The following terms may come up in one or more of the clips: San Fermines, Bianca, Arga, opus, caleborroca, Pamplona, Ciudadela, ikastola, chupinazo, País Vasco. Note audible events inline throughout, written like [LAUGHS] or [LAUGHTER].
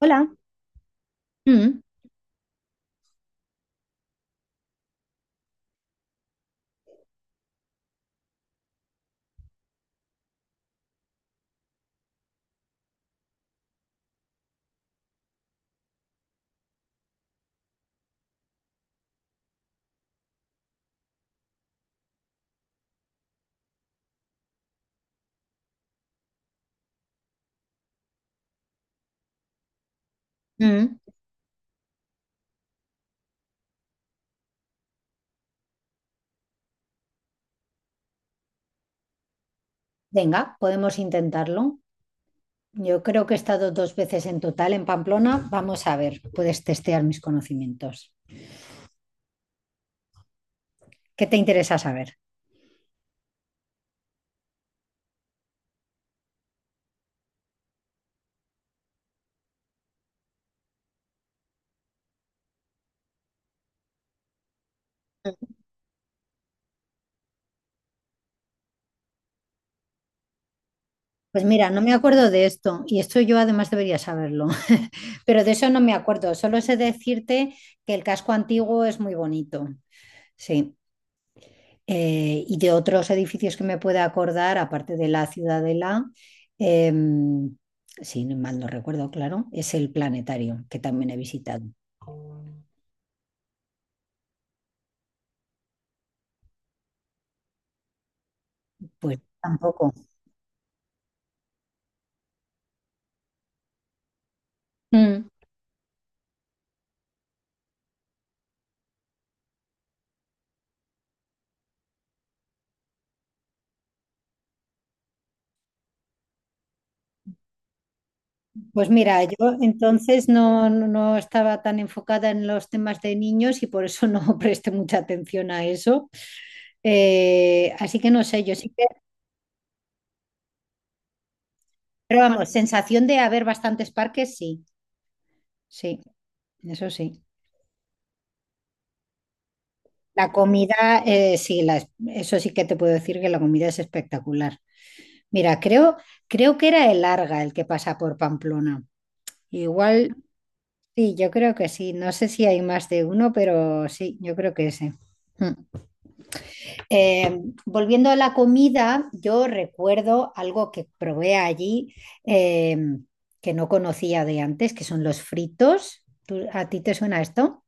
Hola. Mm, mm. Venga, podemos intentarlo. Yo creo que he estado dos veces en total en Pamplona. Vamos a ver, puedes testear mis conocimientos. ¿Qué te interesa saber? Pues mira, no me acuerdo de esto y esto yo además debería saberlo, [LAUGHS] pero de eso no me acuerdo. Solo sé decirte que el casco antiguo es muy bonito. Sí. Y de otros edificios que me pueda acordar, aparte de la Ciudadela, em, si mal no recuerdo, claro, es el planetario que también he visitado. Pues tampoco. Mm. Pues mira, yo entonces no estaba tan enfocada en los temas de niños y por eso no [LAUGHS] presté mucha atención a eso. Así que no sé, pero vamos, sensación de haber bastantes parques, sí, sí, eso sí. La comida, sí, eso sí que te puedo decir que la comida es espectacular. Mira, creo que era el Arga el que pasa por Pamplona. Igual, sí, yo creo que sí. No sé si hay más de uno, pero sí, yo creo que ese. Mm. Eh, Volviendo a la comida, yo recuerdo algo que probé allí eh, que no conocía de antes, que son los fritos. ¿A ti te suena esto?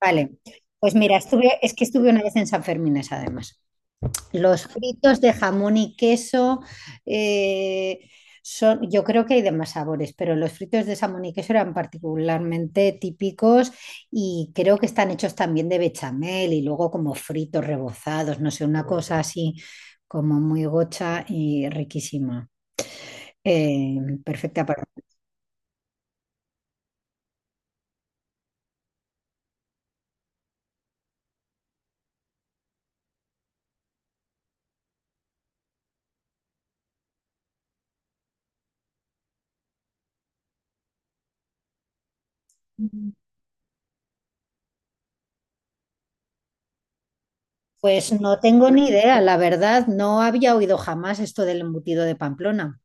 Vale. Pues mira, es que estuve una vez en San Fermines, además. Los fritos de jamón y queso eh, son, yo creo que hay de más sabores, pero los fritos de jamón y queso eran particularmente típicos y creo que están hechos también de bechamel y luego como fritos rebozados, no sé, una cosa así como muy gocha y riquísima. Eh, Perfecta para. Pues no tengo ni idea, la verdad, no había oído jamás esto del embutido de Pamplona.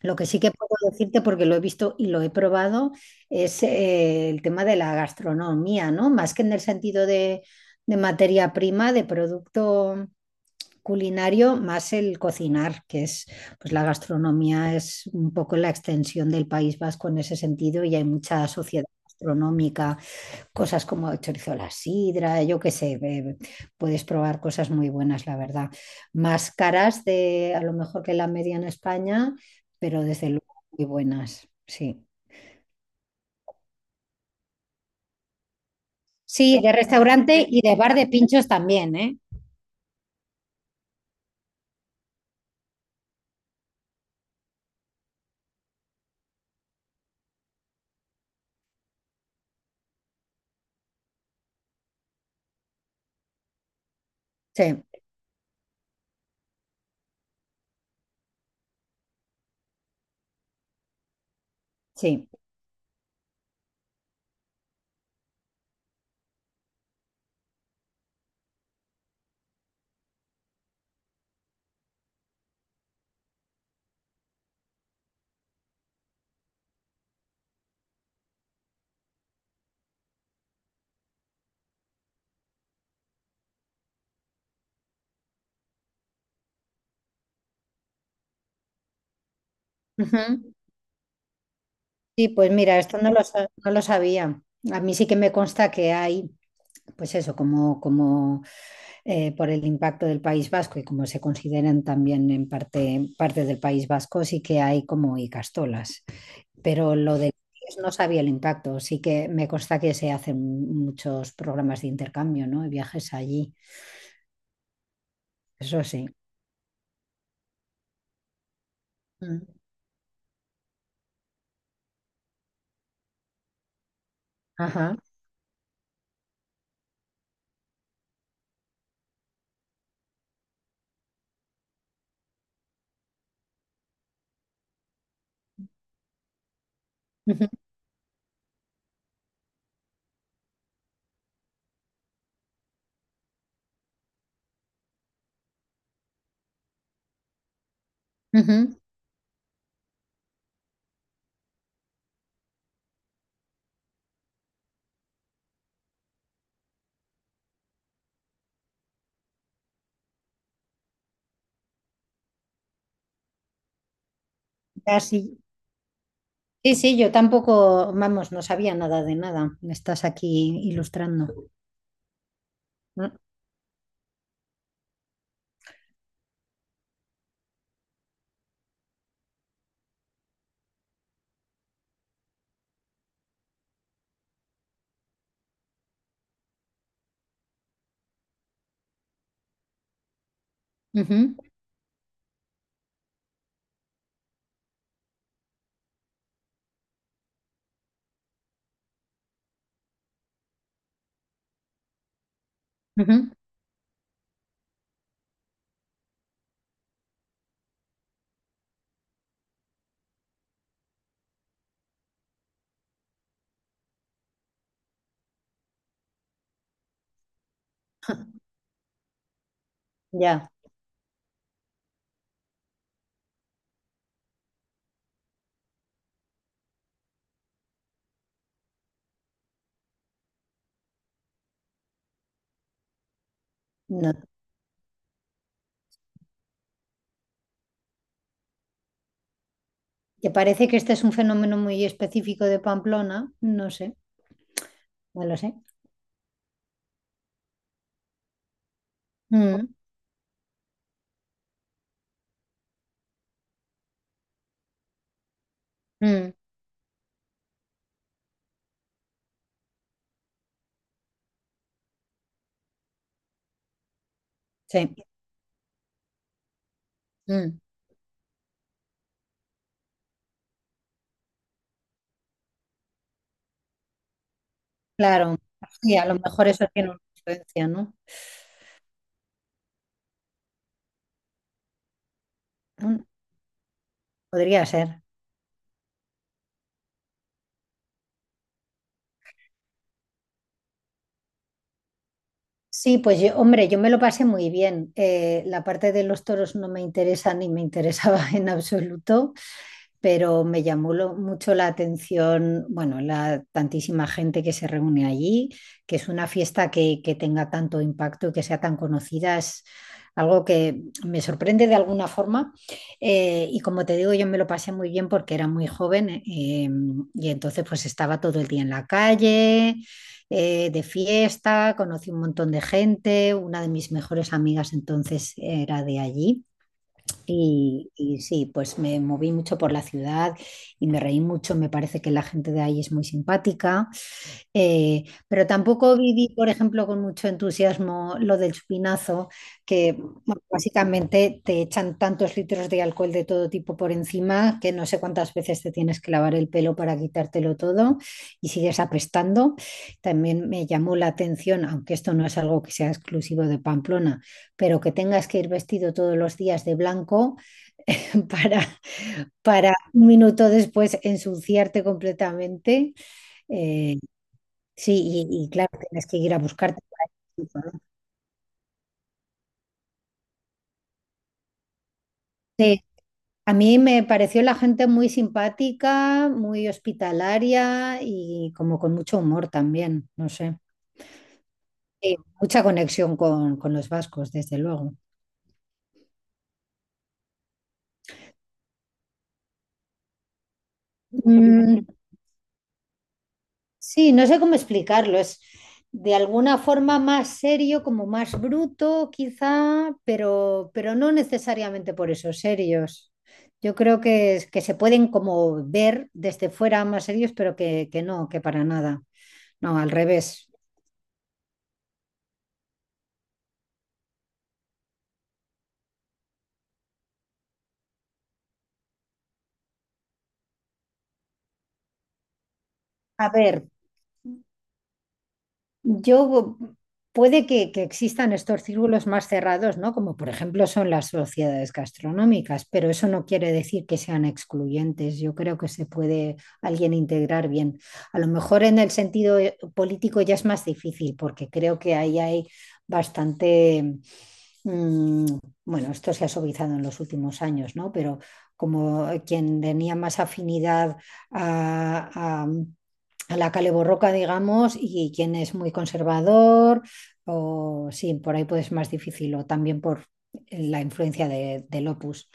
Lo que sí que puedo decirte, porque lo he visto y lo he probado, es el tema de la gastronomía, ¿no? Más que en el sentido de materia prima, de producto culinario, más el cocinar, que es, pues la gastronomía es un poco la extensión del País Vasco en ese sentido y hay mucha sociedad gastronómica, cosas como el chorizo a la sidra, yo qué sé, puedes probar cosas muy buenas, la verdad. Más caras de a lo mejor que la media en España, pero desde luego muy buenas, sí. Sí, de restaurante y de bar de pinchos también, ¿eh? Sí, sí. Ujú. Sí, pues mira, esto no lo sabía. A mí sí que me consta que hay, pues eso, como por el impacto del País Vasco y como se consideran también en parte, parte del País Vasco, sí que hay como icastolas. Pero lo de no sabía el impacto, sí que me consta que se hacen muchos programas de intercambio, ¿no? Y viajes allí, eso sí. Mm. Ajá. Ujú, ujú. Ah, sí. Sí, sí, yo tampoco, vamos, no sabía nada de nada. Me estás aquí ilustrando. Mm, ujú, ujú. [LAUGHS] Ya, no, que parece que este es un fenómeno muy específico de Pamplona, no sé, no lo sé. Mm, mm, sí, mm, claro, sí, a lo mejor eso tiene una influencia, ¿no? Mm, Podría ser. Sí, pues yo, hombre, yo me lo pasé muy bien. La parte de los toros no me interesa ni me interesaba [LAUGHS] en absoluto. Pero me llamó mucho la atención, bueno, la tantísima gente que se reúne allí, que es una fiesta que tenga tanto impacto y que sea tan conocida, es algo que me sorprende de alguna forma. Y como te digo, yo me lo pasé muy bien porque era muy joven, y entonces pues estaba todo el día en la calle. Eh, de fiesta, conocí un montón de gente, una de mis mejores amigas entonces era de allí. Y sí, pues me moví mucho por la ciudad y me reí mucho. Me parece que la gente de ahí es muy simpática. Pero tampoco viví, por ejemplo, con mucho entusiasmo lo del chupinazo, que bueno, básicamente te echan tantos litros de alcohol de todo tipo por encima que no sé cuántas veces te tienes que lavar el pelo para quitártelo todo y sigues apestando. También me llamó la atención, aunque esto no es algo que sea exclusivo de Pamplona, pero que tengas que ir vestido todos los días de blanco [LAUGHS] para, para un minuto después ensuciarte completamente. Eh, sí, y claro, tienes que ir a buscarte. Sí, a mí me pareció la gente muy simpática, muy hospitalaria y como con mucho humor también, no sé. Sí, mucha conexión con los vascos, desde luego. Mm. Sí, no sé cómo explicarlo. Es de alguna forma más serio, como más bruto, quizá, pero no necesariamente por eso, serios. Yo creo que se pueden como ver desde fuera más serios, pero que no, que para nada. No, al revés. A ver, yo puede que existan estos círculos más cerrados, ¿no? Como por ejemplo son las sociedades gastronómicas, pero eso no quiere decir que sean excluyentes. Yo creo que se puede alguien integrar bien. A lo mejor en el sentido político ya es más difícil, porque creo que ahí hay bastante, mm, bueno, esto se ha suavizado en los últimos años, ¿no? Pero como quien tenía más afinidad a a- a la caleborroca, digamos, y quien es muy conservador, o sí, por ahí puede ser más difícil, o también por la influencia del opus.